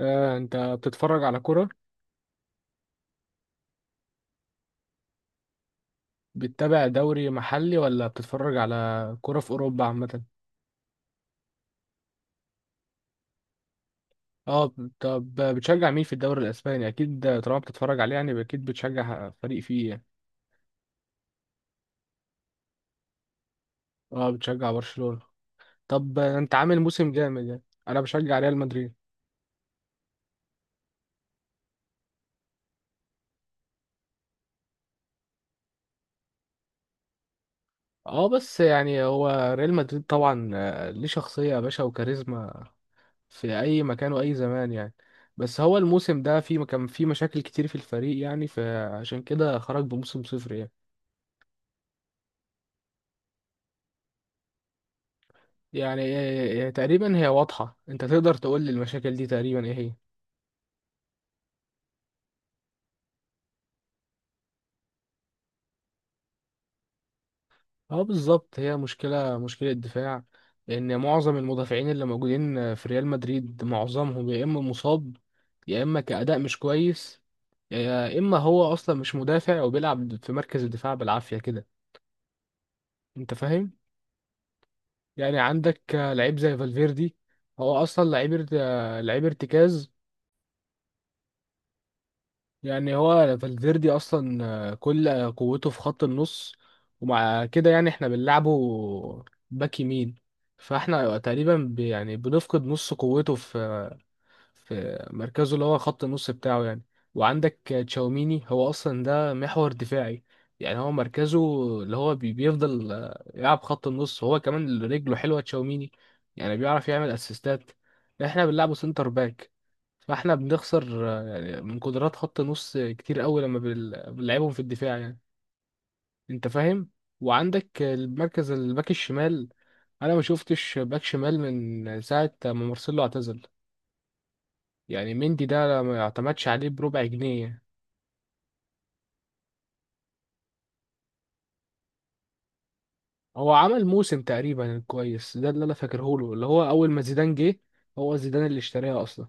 آه، انت بتتفرج على كرة؟ بتتابع دوري محلي ولا بتتفرج على كرة في اوروبا عامة؟ اه. طب بتشجع مين في الدوري الاسباني؟ اكيد طالما بتتفرج عليه يعني اكيد بتشجع فريق فيه يعني. اه، بتشجع برشلونة. طب انت عامل موسم جامد يعني؟ انا بشجع ريال مدريد. اه بس يعني هو ريال مدريد طبعا، ليه شخصية يا باشا وكاريزما في اي مكان واي زمان يعني. بس هو الموسم ده في كان في مشاكل كتير في الفريق يعني، فعشان كده خرج بموسم صفر يعني. يعني تقريبا هي واضحة، انت تقدر تقول لي المشاكل دي تقريبا ايه هي؟ اه بالظبط، هي مشكلة دفاع. ان معظم المدافعين اللي موجودين في ريال مدريد معظمهم يا اما مصاب، يا اما كأداء مش كويس، يا اما هو اصلا مش مدافع وبيلعب في مركز الدفاع بالعافية كده. انت فاهم؟ يعني عندك لعيب زي فالفيردي. هو اصلا لعيب ارتكاز. يعني هو فالفيردي اصلا، كل قوته في خط النص، ومع كده يعني احنا بنلعبه باك يمين. فاحنا تقريبا يعني بنفقد نص قوته في في مركزه اللي هو خط النص بتاعه يعني. وعندك تشاوميني هو اصلا ده محور دفاعي. يعني هو مركزه اللي هو بيفضل يلعب خط النص، هو كمان رجله حلوة تشاوميني، يعني بيعرف يعمل اسيستات. احنا بنلعبه سنتر باك، فاحنا بنخسر يعني من قدرات خط نص كتير قوي لما بنلعبهم في الدفاع يعني. انت فاهم؟ وعندك المركز الباك الشمال. انا ما شفتش باك شمال من ساعه ما مارسيلو اعتزل. يعني مندي ده ما اعتمدش عليه بربع جنيه. هو عمل موسم تقريبا كويس، ده اللي انا فاكره له، اللي هو اول ما زيدان جه. هو زيدان اللي اشتريها اصلا.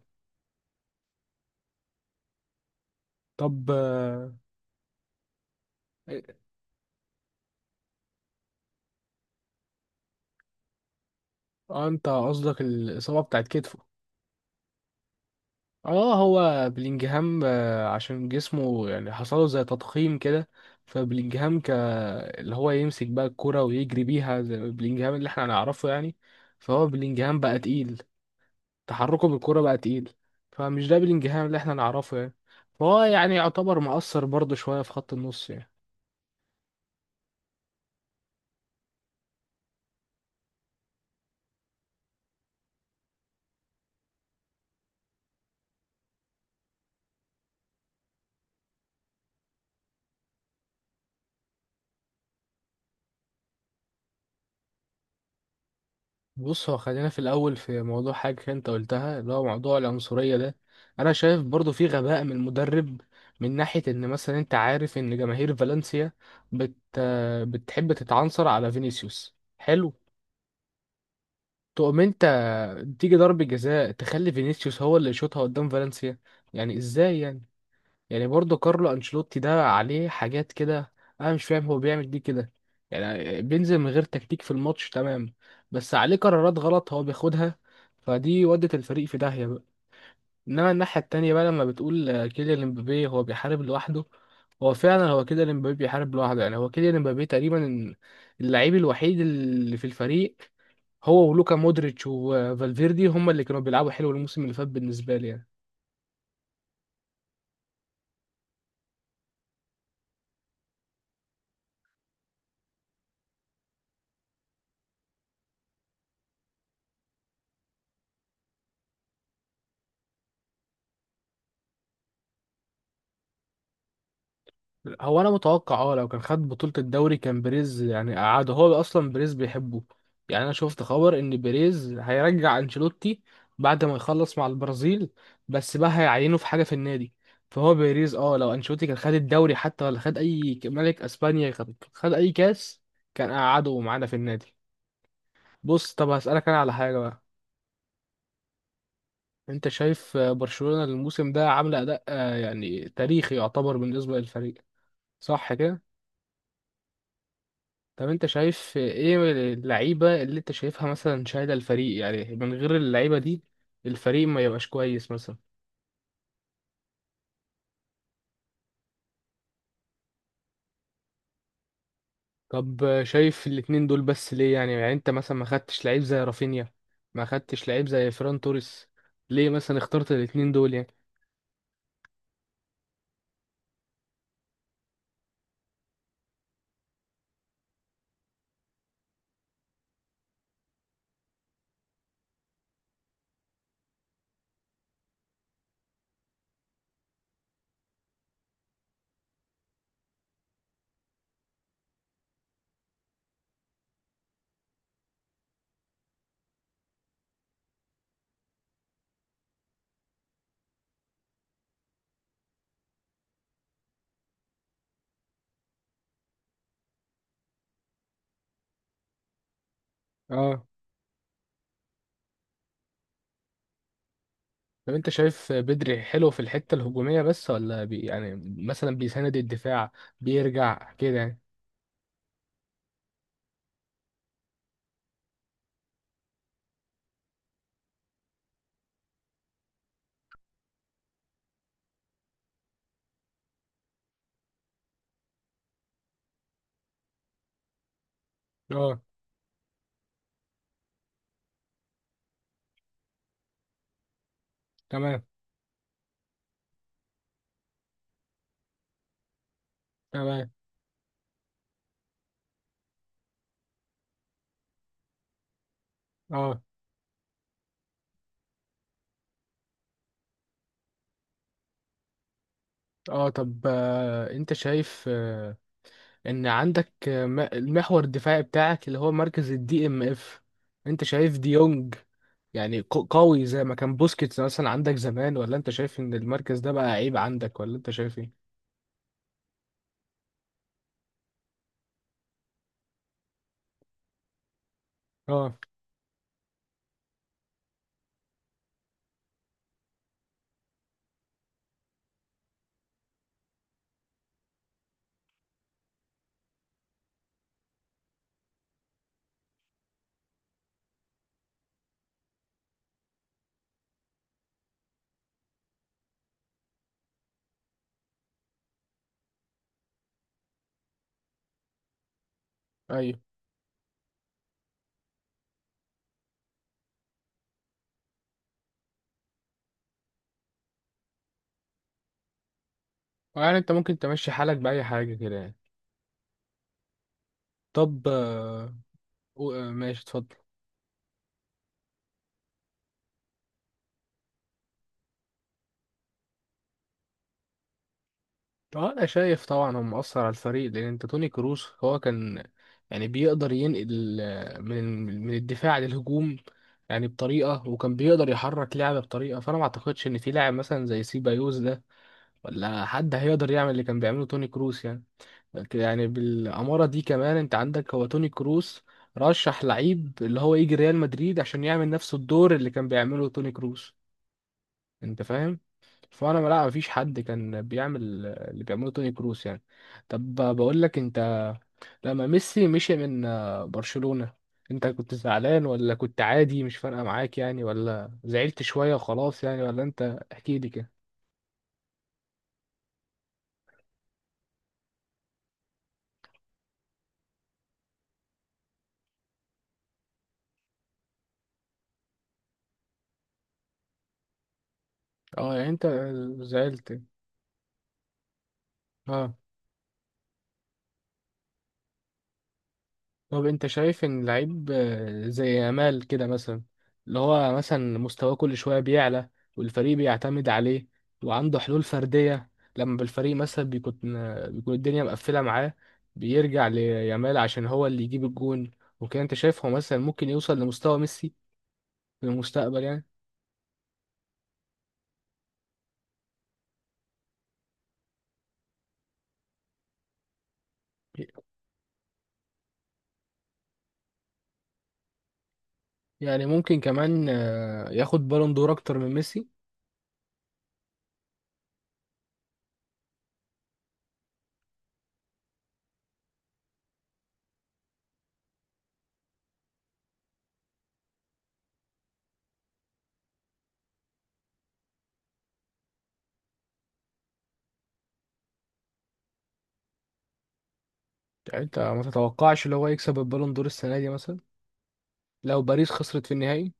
طب انت قصدك الاصابه بتاعت كتفه؟ اه، هو بلينجهام عشان جسمه يعني حصله زي تضخيم كده. فبلينجهام ك اللي هو يمسك بقى الكرة ويجري بيها زي بلينجهام اللي احنا هنعرفه يعني. فهو بلينجهام بقى تقيل، تحركه بالكرة بقى تقيل، فمش ده بلينجهام اللي احنا نعرفه يعني. فهو يعني يعتبر مؤثر برضه شوية في خط النص يعني. بص هو خلينا في الأول في موضوع حاجة أنت قلتها، اللي هو موضوع العنصرية ده. أنا شايف برضو في غباء من المدرب، من ناحية إن مثلا أنت عارف إن جماهير فالنسيا بت... بتحب تتعنصر على فينيسيوس، حلو، تقوم أنت تيجي ضربة جزاء تخلي فينيسيوس هو اللي يشوطها قدام فالنسيا؟ يعني إزاي يعني. يعني برضه كارلو انشيلوتي ده عليه حاجات كده، انا مش فاهم هو بيعمل دي كده. يعني بينزل من غير تكتيك في الماتش تمام، بس عليه قرارات غلط هو بياخدها، فدي ودت الفريق في داهية بقى. انما الناحية التانية بقى، لما بتقول كيليان امبابي هو بيحارب لوحده، هو فعلا هو كده، امبابي بيحارب لوحده يعني. هو كيليان امبابي تقريبا اللعيب الوحيد اللي في الفريق. هو ولوكا مودريتش وفالفيردي هم اللي كانوا بيلعبوا حلو الموسم اللي فات بالنسبة لي يعني. هو انا متوقع اه لو كان خد بطولة الدوري كان بيريز يعني قعده، هو اصلا بيريز بيحبه. يعني انا شفت خبر ان بيريز هيرجع انشيلوتي بعد ما يخلص مع البرازيل، بس بقى هيعينه في حاجة في النادي. فهو بيريز اه لو انشيلوتي كان خد الدوري حتى، ولا خد اي ملك اسبانيا، خد اي كاس، كان قعده معانا في النادي. بص طب هسألك انا على حاجة بقى، انت شايف برشلونة الموسم ده عاملة اداء يعني تاريخي يعتبر بالنسبة للفريق، صح كده؟ طب انت شايف ايه اللعيبة اللي انت شايفها مثلا شايلة الفريق يعني، من غير اللعيبة دي الفريق ما يبقاش كويس مثلا؟ طب شايف الاتنين دول بس ليه يعني؟ يعني انت مثلا ما خدتش لعيب زي رافينيا، ما خدتش لعيب زي فران توريس، ليه مثلا اخترت الاتنين دول يعني؟ اه. طب انت شايف بدري حلو في الحتة الهجومية بس، ولا بي يعني مثلا بيساند الدفاع بيرجع كده يعني؟ اه، تمام. تمام. اه. اه. طب انت شايف ان عندك المحور الدفاعي بتاعك اللي هو مركز الدي ام اف، انت شايف ديونج يعني قوي زي ما كان بوسكيتس مثلا عندك زمان، ولا انت شايف ان المركز ده بقى عيب عندك، ولا انت شايف ايه؟ اه. ايوه. يعني انت ممكن تمشي حالك بأي حاجة كده يعني؟ طب ماشي اتفضل. اه انا شايف طبعا هم اثر على الفريق، لان انت توني كروس هو كان يعني بيقدر ينقل من الدفاع للهجوم يعني بطريقه، وكان بيقدر يحرك لعبه بطريقه. فانا ما اعتقدش ان في لاعب مثلا زي سيبايوس ده، ولا حد هيقدر يعمل اللي كان بيعمله توني كروس يعني. يعني بالاماره دي كمان انت عندك هو توني كروس رشح لعيب اللي هو يجي ريال مدريد عشان يعمل نفس الدور اللي كان بيعمله توني كروس. انت فاهم؟ فانا ما- لا مفيش حد كان بيعمل اللي بيعمله توني كروس يعني. طب بقول لك انت، لما ميسي مشي من برشلونة، انت كنت زعلان ولا كنت عادي مش فارقة معاك يعني، ولا زعلت شوية وخلاص يعني، ولا انت احكي لي كده. اه، يعني انت زعلت. اه. طب انت شايف ان لعيب زي يامال كده مثلا، اللي هو مثلا مستواه كل شويه بيعلى، والفريق بيعتمد عليه، وعنده حلول فرديه لما بالفريق مثلا بيكون الدنيا مقفله معاه، بيرجع ليامال عشان هو اللي يجيب الجون وكده. انت شايف هو مثلا ممكن يوصل لمستوى ميسي في المستقبل يعني؟ يعني ممكن كمان ياخد بالون دور اكتر من ميسي؟ يعني انت ما تتوقعش اللي هو يكسب البالون دور السنه دي مثلا لو باريس خسرت في النهائي؟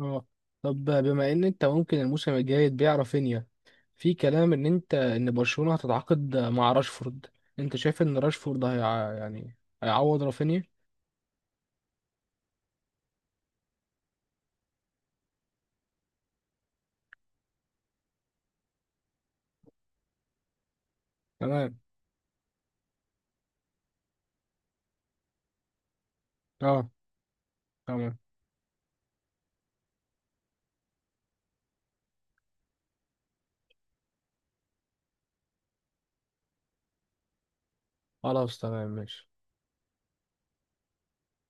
اه. طب بما ان انت ممكن الموسم الجاي تبيع رافينيا، في كلام ان انت ان برشلونة هتتعاقد مع راشفورد، انت شايف ان راشفورد هي يعني هيعوض رافينيا؟ تمام. اه. تمام. خلاص، تمام، ماشي.